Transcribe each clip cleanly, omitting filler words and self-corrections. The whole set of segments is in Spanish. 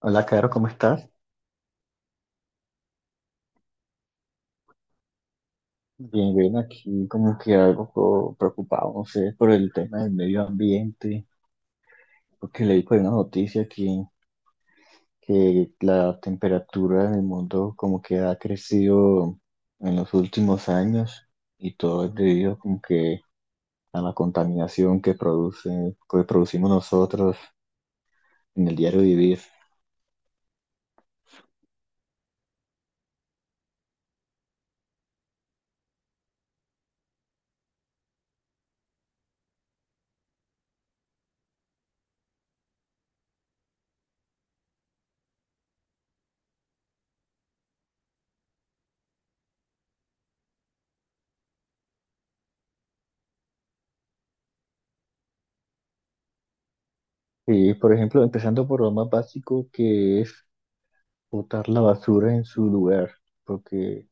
Hola, Caro, ¿cómo estás? Bien, bien, aquí como que algo preocupado, no sé, por el tema del medio ambiente, porque leí por una noticia que la temperatura en el mundo como que ha crecido en los últimos años y todo es debido como que a la contaminación que que producimos nosotros en el diario vivir. Y, por ejemplo, empezando por lo más básico que es botar la basura en su lugar, porque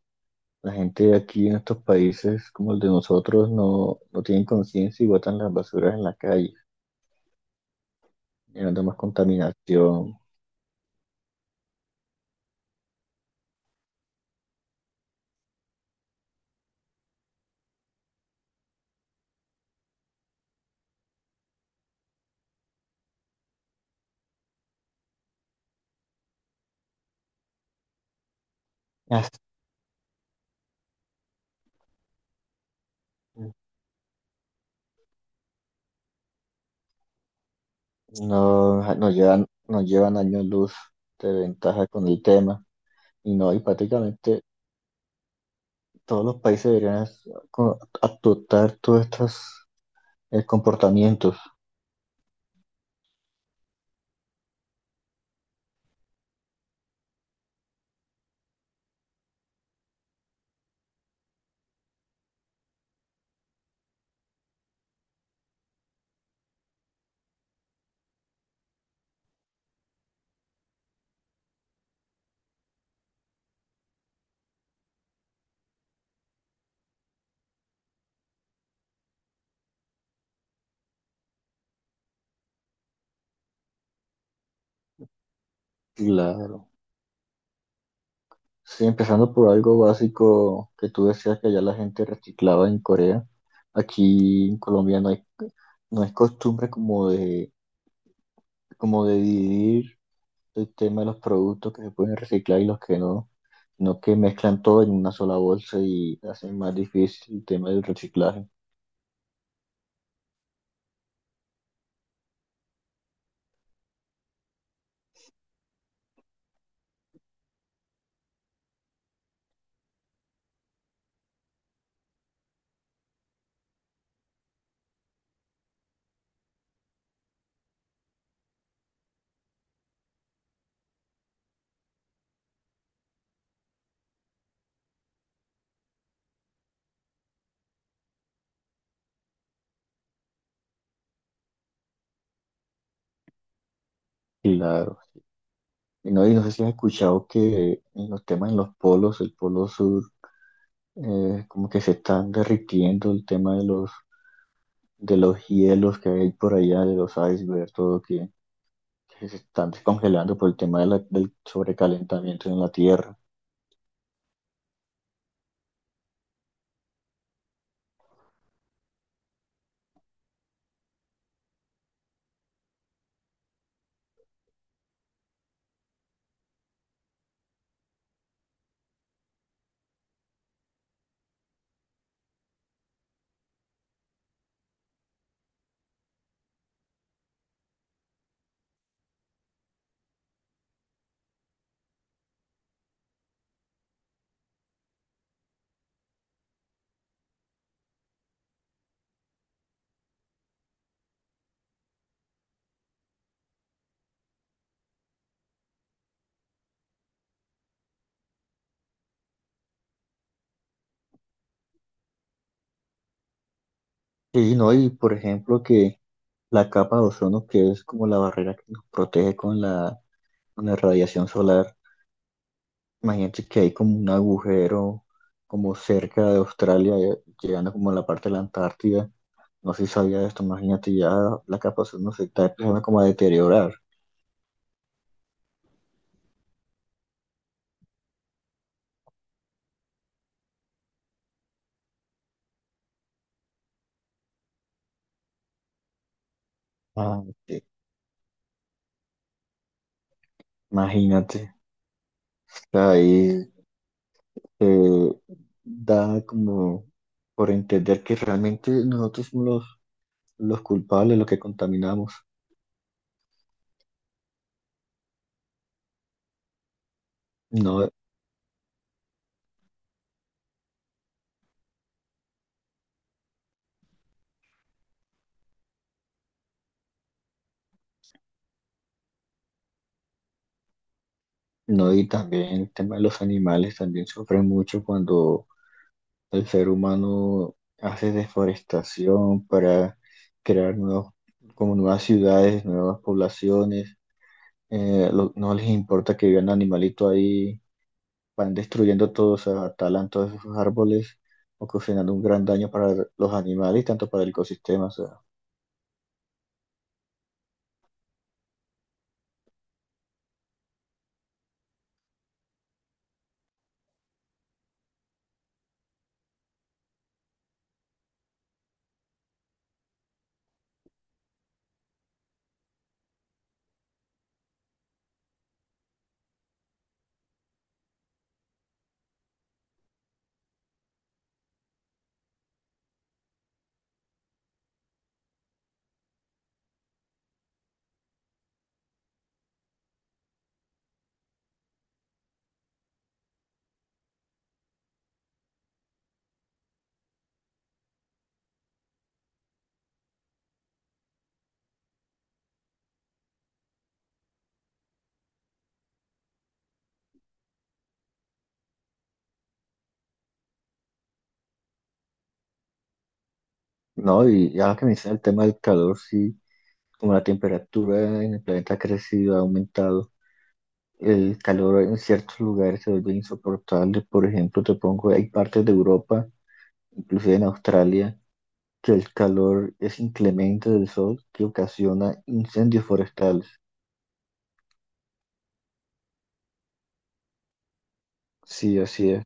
la gente de aquí en estos países como el de nosotros no tienen conciencia y botan las basuras en la calle, llevando más contaminación. As- No, nos llevan años luz de ventaja con el tema. Y no, y prácticamente todos los países deberían adoptar todos estos comportamientos. Claro. Sí, empezando por algo básico que tú decías que allá la gente reciclaba en Corea. Aquí en Colombia no hay costumbre como de dividir el tema de los productos que se pueden reciclar y los que no, sino que mezclan todo en una sola bolsa y hacen más difícil el tema del reciclaje. Claro. Y no sé si has escuchado que en los temas en los polos, el polo sur, como que se están derritiendo el tema de de los hielos que hay por allá, de los icebergs, que se están descongelando por el tema de del sobrecalentamiento en la Tierra. Y no, y por ejemplo que la capa de ozono, que es como la barrera que nos protege con con la radiación solar, imagínate que hay como un agujero como cerca de Australia, llegando como a la parte de la Antártida. No sé si sabía esto, imagínate ya la capa de ozono se está empezando como a deteriorar. Ah, sí, imagínate, ahí eh, da como por entender que realmente nosotros somos los culpables, los que contaminamos. No, no, y también el tema de los animales también sufren mucho cuando el ser humano hace deforestación para crear como nuevas ciudades, nuevas poblaciones. No les importa que vivan animalitos ahí, van destruyendo todos, o sea, talan todos esos árboles, ocasionando un gran daño para los animales y tanto para el ecosistema. O sea, no, y ahora que me el tema del calor, sí, como la temperatura en el planeta ha crecido, ha aumentado, el calor en ciertos lugares se vuelve insoportable. Por ejemplo, te pongo, hay partes de Europa, inclusive en Australia, que el calor es inclemente del sol que ocasiona incendios forestales. Sí, así es.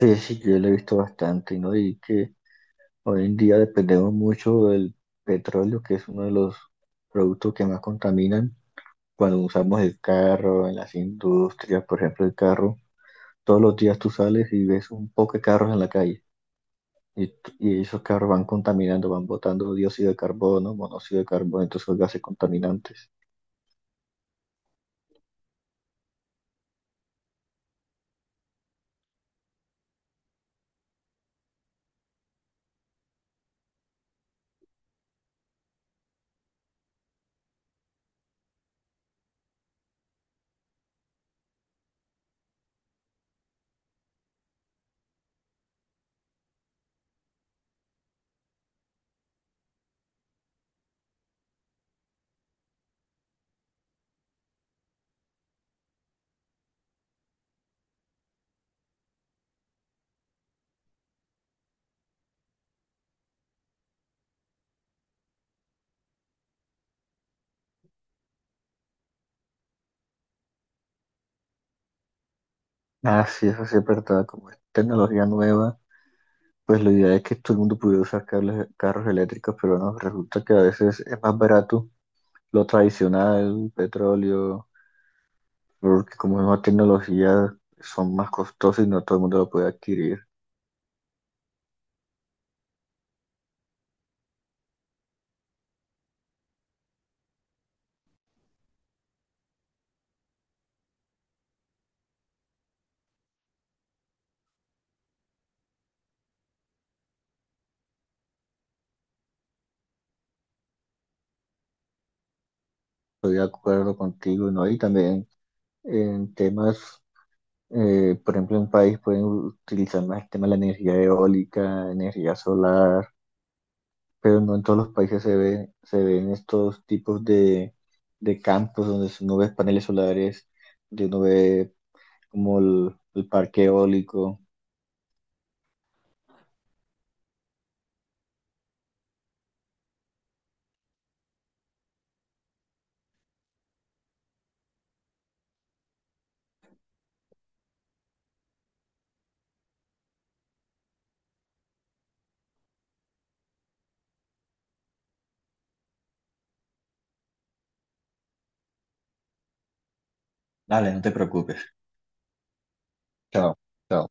Sí, sí, yo lo he visto bastante, ¿no? Y que hoy en día dependemos mucho del petróleo, que es uno de los productos que más contaminan cuando usamos el carro, en las industrias, por ejemplo, el carro, todos los días tú sales y ves un poco de carros en la calle y, y esos carros van contaminando, van botando dióxido de carbono, monóxido de carbono, entonces son gases contaminantes. Ah, sí, eso sí es verdad, como es tecnología nueva, pues la idea es que todo el mundo pudiera usar carros eléctricos, pero no, resulta que a veces es más barato lo tradicional, petróleo, porque como es nueva tecnología, son más costosos y no todo el mundo lo puede adquirir. Estoy de acuerdo contigo, ¿no? Y también en temas, por ejemplo, en un país pueden utilizar más el tema de la energía eólica, energía solar, pero no en todos los países se ven estos tipos de campos donde uno ve paneles solares, donde uno ve como el parque eólico. Dale, no te preocupes. Chao. Chao.